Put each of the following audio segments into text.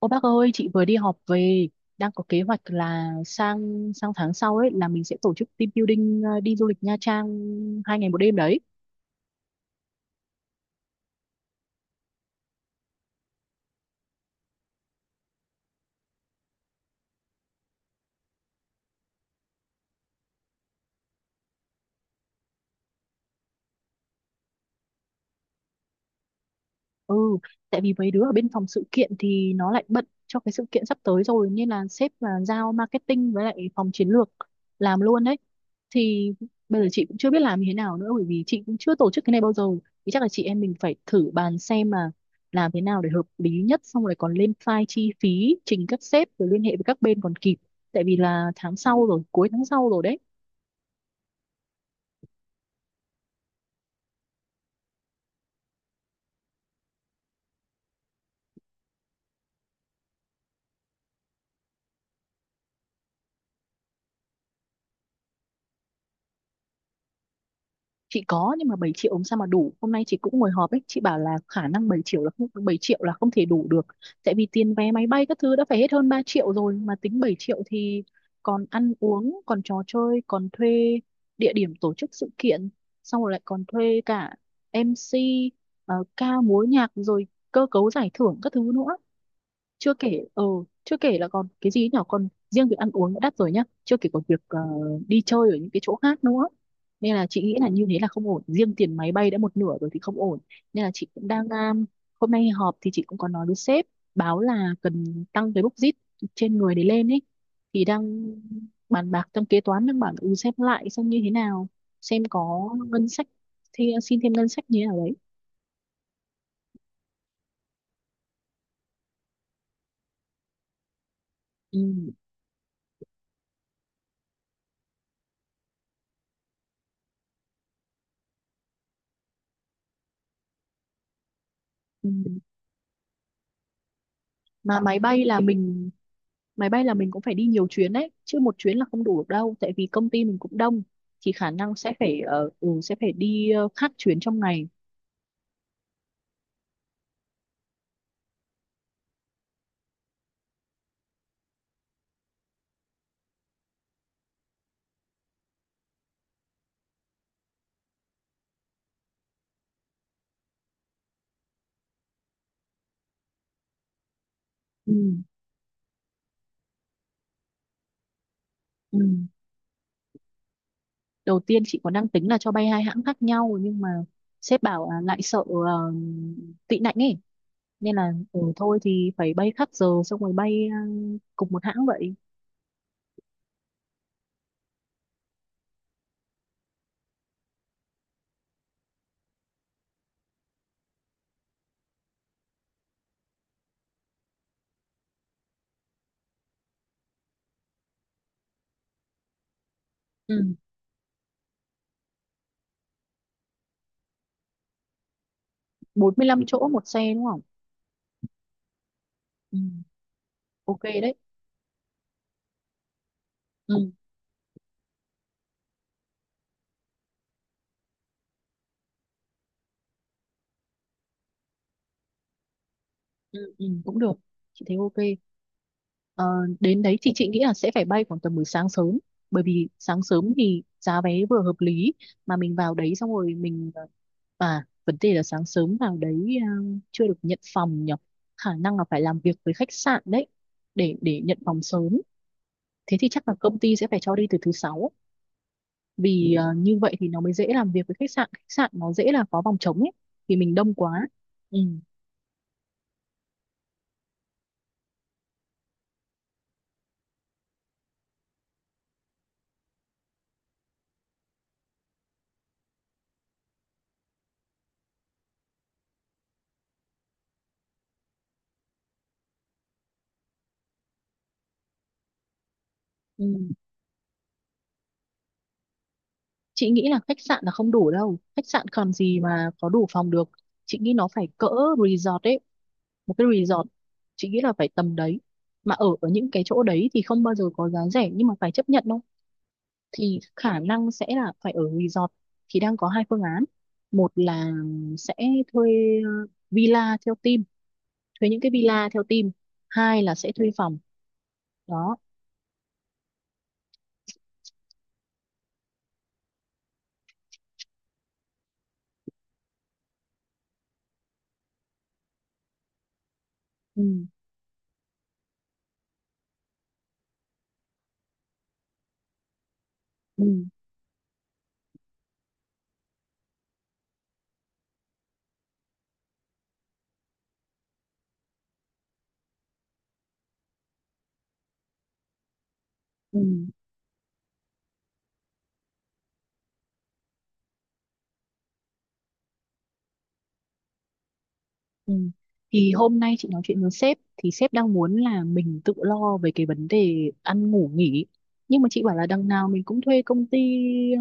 Ô bác ơi, chị vừa đi họp về, đang có kế hoạch là sang sang tháng sau ấy là mình sẽ tổ chức team building, đi du lịch Nha Trang 2 ngày 1 đêm đấy. Ừ, tại vì mấy đứa ở bên phòng sự kiện thì nó lại bận cho cái sự kiện sắp tới rồi nên là sếp là giao marketing với lại phòng chiến lược làm luôn đấy. Thì bây giờ chị cũng chưa biết làm như thế nào nữa, bởi vì chị cũng chưa tổ chức cái này bao giờ. Thì chắc là chị em mình phải thử bàn xem mà làm thế nào để hợp lý nhất, xong rồi còn lên file chi phí trình các sếp rồi liên hệ với các bên còn kịp. Tại vì là tháng sau rồi, cuối tháng sau rồi đấy. Chị có, nhưng mà 7 triệu làm sao mà đủ. Hôm nay chị cũng ngồi họp ấy, chị bảo là khả năng 7 triệu là không, 7 triệu là không thể đủ được, tại vì tiền vé máy bay các thứ đã phải hết hơn 3 triệu rồi, mà tính 7 triệu thì còn ăn uống, còn trò chơi, còn thuê địa điểm tổ chức sự kiện, xong rồi lại còn thuê cả MC, ca múa nhạc, rồi cơ cấu giải thưởng các thứ nữa. Chưa kể ờ chưa kể là còn cái gì nhỏ, còn riêng việc ăn uống đã đắt rồi nhá, chưa kể còn việc đi chơi ở những cái chỗ khác nữa. Nên là chị nghĩ là như thế là không ổn, riêng tiền máy bay đã một nửa rồi thì không ổn. Nên là chị cũng đang hôm nay họp thì chị cũng có nói với sếp, báo là cần tăng cái bốc dít trên người để lên ấy. Thì đang bàn bạc, trong kế toán đang bảo là, ừ, xem lại xem như thế nào, xem có ngân sách thì xin thêm ngân sách như thế nào đấy. Ừ, ừ. Mà máy bay là mình cũng phải đi nhiều chuyến đấy chứ, một chuyến là không đủ được đâu, tại vì công ty mình cũng đông. Thì khả năng sẽ phải sẽ phải đi khác chuyến trong ngày. Ừ. Ừ. Đầu tiên chị còn đang tính là cho bay hai hãng khác nhau, nhưng mà sếp bảo là lại sợ tị nạnh ấy, nên là ừ, thôi thì phải bay khác giờ, xong rồi bay cùng một hãng vậy. Ừ. 45 chỗ một xe đúng không? Ừ. Ok đấy. Ừ. Ừ. Ừ. Cũng được. Chị thấy ok. Ờ, đến đấy thì chị nghĩ là sẽ phải bay khoảng tầm buổi sáng sớm, bởi vì sáng sớm thì giá vé vừa hợp lý mà mình vào đấy xong rồi mình, à, vấn đề là sáng sớm vào đấy à, chưa được nhận phòng nhỉ. Khả năng là phải làm việc với khách sạn đấy, để nhận phòng sớm. Thế thì chắc là công ty sẽ phải cho đi từ thứ sáu, vì à, như vậy thì nó mới dễ làm việc với khách sạn, khách sạn nó dễ là có phòng trống ấy, vì mình đông quá. Ừ. Ừ. Chị nghĩ là khách sạn là không đủ đâu, khách sạn còn gì mà có đủ phòng được. Chị nghĩ nó phải cỡ resort ấy, một cái resort, chị nghĩ là phải tầm đấy. Mà ở ở những cái chỗ đấy thì không bao giờ có giá rẻ nhưng mà phải chấp nhận đâu. Thì khả năng sẽ là phải ở resort. Thì đang có hai phương án. Một là sẽ thuê ờ, villa theo team, thuê những cái villa theo team. Hai là sẽ thuê phòng đó. Ừ. Ừ. Ừ. Ừ. Thì hôm nay chị nói chuyện với sếp thì sếp đang muốn là mình tự lo về cái vấn đề ăn ngủ nghỉ, nhưng mà chị bảo là đằng nào mình cũng thuê công ty,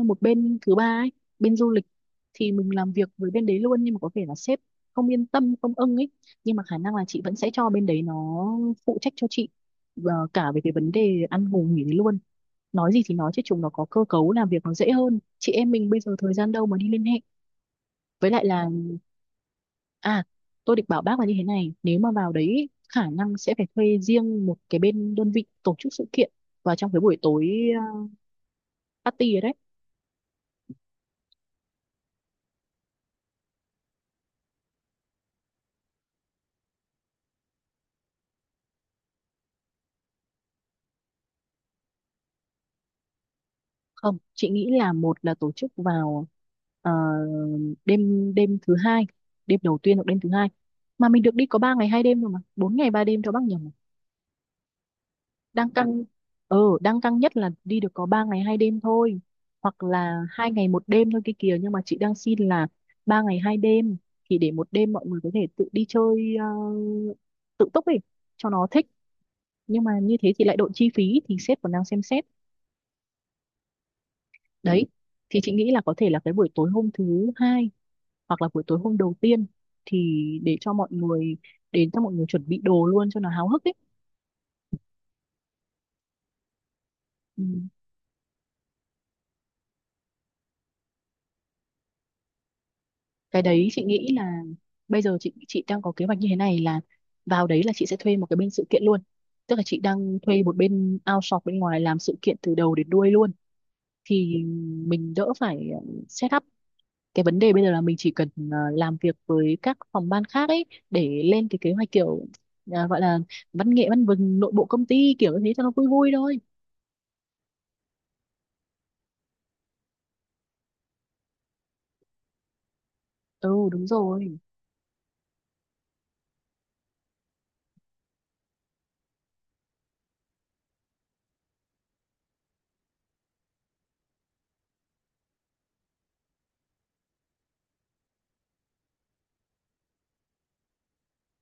một bên thứ ba ấy, bên du lịch, thì mình làm việc với bên đấy luôn. Nhưng mà có vẻ là sếp không yên tâm, không ưng ấy, nhưng mà khả năng là chị vẫn sẽ cho bên đấy nó phụ trách cho chị và cả về cái vấn đề ăn ngủ nghỉ đấy luôn. Nói gì thì nói chứ chúng nó có cơ cấu làm việc nó dễ hơn, chị em mình bây giờ thời gian đâu mà đi liên hệ với lại là. À, tôi định bảo bác là như thế này, nếu mà vào đấy ý, khả năng sẽ phải thuê riêng một cái bên đơn vị tổ chức sự kiện vào trong cái buổi tối, ờ, party ấy đấy. Không, chị nghĩ là một là tổ chức vào ờ, đêm đêm thứ hai, đêm đầu tiên hoặc đêm thứ hai. Mà mình được đi có 3 ngày 2 đêm rồi mà, 4 ngày 3 đêm cho bác nhầm. Đang căng, đang căng nhất là đi được có 3 ngày 2 đêm thôi, hoặc là 2 ngày 1 đêm thôi kia kìa, nhưng mà chị đang xin là 3 ngày 2 đêm, thì để một đêm mọi người có thể tự đi chơi tự túc ấy cho nó thích. Nhưng mà như thế thì lại đội chi phí thì sếp còn đang xem xét. Đấy, thì chị nghĩ là có thể là cái buổi tối hôm thứ hai hoặc là buổi tối hôm đầu tiên, thì để cho mọi người đến, cho mọi người chuẩn bị đồ luôn cho nó háo hức ấy. Ừ. Cái đấy chị nghĩ là bây giờ chị đang có kế hoạch như thế này là vào đấy là chị sẽ thuê một cái bên sự kiện luôn, tức là chị đang thuê một bên outsource bên ngoài làm sự kiện từ đầu đến đuôi luôn. Thì mình đỡ phải set up, cái vấn đề bây giờ là mình chỉ cần làm việc với các phòng ban khác ấy để lên cái kế hoạch, kiểu gọi là văn nghệ văn vừng nội bộ công ty, kiểu như thế cho nó vui vui thôi. Ừ, đúng rồi.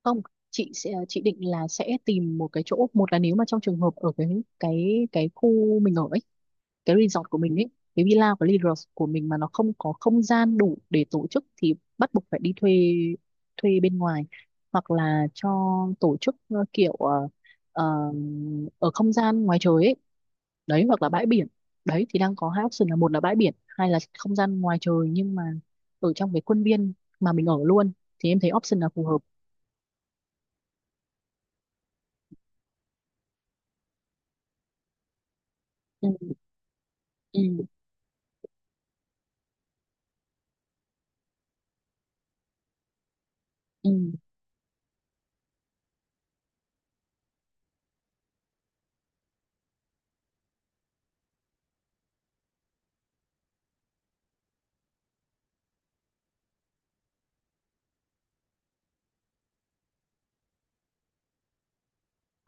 Không, chị định là sẽ tìm một cái chỗ, một là nếu mà trong trường hợp ở cái cái khu mình ở, cái resort của mình ấy, cái villa của resort của mình mà nó không có không gian đủ để tổ chức thì bắt buộc phải đi thuê, thuê bên ngoài, hoặc là cho tổ chức kiểu ờ, ở không gian ngoài trời ấy đấy, hoặc là bãi biển. Đấy, thì đang có hai option, là một là bãi biển, hai là không gian ngoài trời, nhưng mà ở trong cái khuôn viên mà mình ở luôn thì em thấy option là phù hợp. Ừ. Ừ.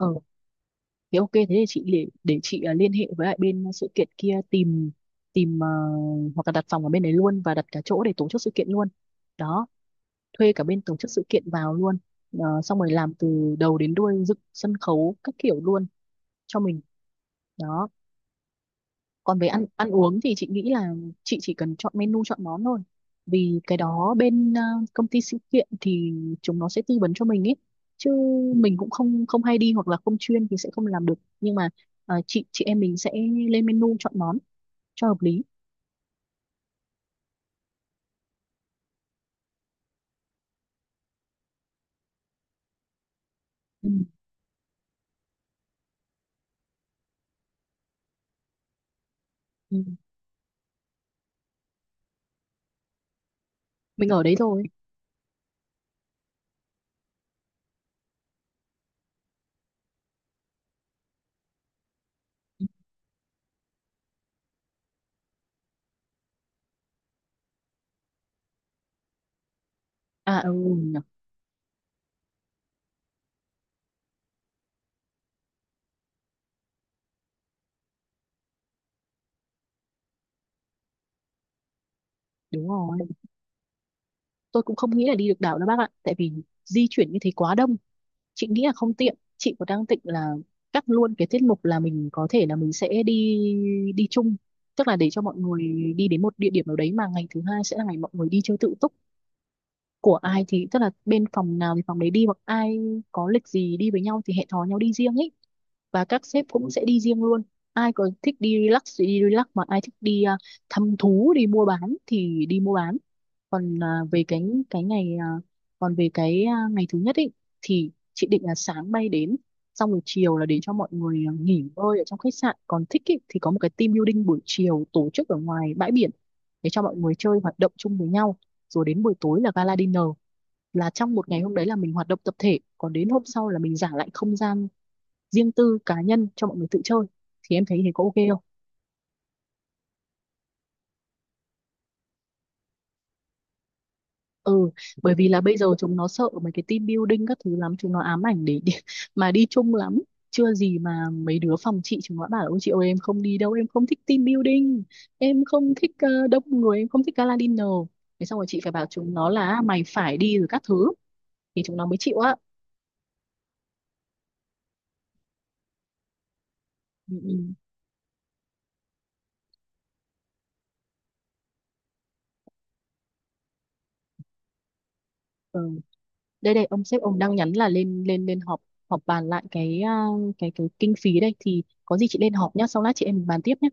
Ừ. Thế ok, thế thì chị để, chị liên hệ với lại bên sự kiện kia, tìm tìm ờ, hoặc là đặt phòng ở bên đấy luôn và đặt cả chỗ để tổ chức sự kiện luôn. Đó, thuê cả bên tổ chức sự kiện vào luôn. Ờ, xong rồi làm từ đầu đến đuôi, dựng sân khấu các kiểu luôn cho mình. Đó, còn về ăn ăn uống thì chị nghĩ là chị chỉ cần chọn menu, chọn món thôi, vì cái đó bên công ty sự kiện thì chúng nó sẽ tư vấn cho mình ấy, chứ mình cũng không, không hay đi hoặc là không chuyên thì sẽ không làm được. Nhưng mà chị em mình sẽ lên menu, chọn món cho hợp lý. Ừ, ừ. Mình ở đấy rồi. À, ừ, nhở, đúng rồi. Tôi cũng không nghĩ là đi được đảo đâu bác ạ, tại vì di chuyển như thế quá đông chị nghĩ là không tiện. Chị có đang định là cắt luôn cái tiết mục là mình có thể là mình sẽ đi, đi chung, tức là để cho mọi người đi đến một địa điểm nào đấy, mà ngày thứ hai sẽ là ngày mọi người đi chơi tự túc của ai thì, tức là bên phòng nào thì phòng đấy đi, hoặc ai có lịch gì đi với nhau thì hẹn hò nhau đi riêng ý, và các sếp cũng sẽ đi riêng luôn. Ai có thích đi relax thì đi relax, mà ai thích đi à, thăm thú đi mua bán thì đi mua bán. Còn à, về cái ngày à, còn về cái à, ngày thứ nhất ấy thì chị định là sáng bay đến, xong rồi chiều là để cho mọi người à, nghỉ ngơi ở trong khách sạn, còn thích ý, thì có một cái team building buổi chiều tổ chức ở ngoài bãi biển để cho mọi người chơi hoạt động chung với nhau, rồi đến buổi tối là gala dinner, là trong một ngày hôm đấy là mình hoạt động tập thể, còn đến hôm sau là mình giả lại không gian riêng tư cá nhân cho mọi người tự chơi. Thì em thấy thế có ok không? Ừ, bởi vì là bây giờ chúng nó sợ mấy cái team building các thứ lắm, chúng nó ám ảnh để mà đi chung lắm. Chưa gì mà mấy đứa phòng chị chúng nó bảo, ôi chị ơi em không đi đâu, em không thích team building, em không thích đông người, em không thích gala dinner. Thế xong rồi chị phải bảo chúng nó là: "À, mày phải đi rồi các thứ", thì chúng nó mới chịu á. Ừ, ừ, ừ. Đây đây, ông sếp ông đang nhắn là lên lên lên họp họp bàn lại cái à, cái kinh phí đây, thì có gì chị lên họp nhá, sau lát chị em mình bàn tiếp nhá.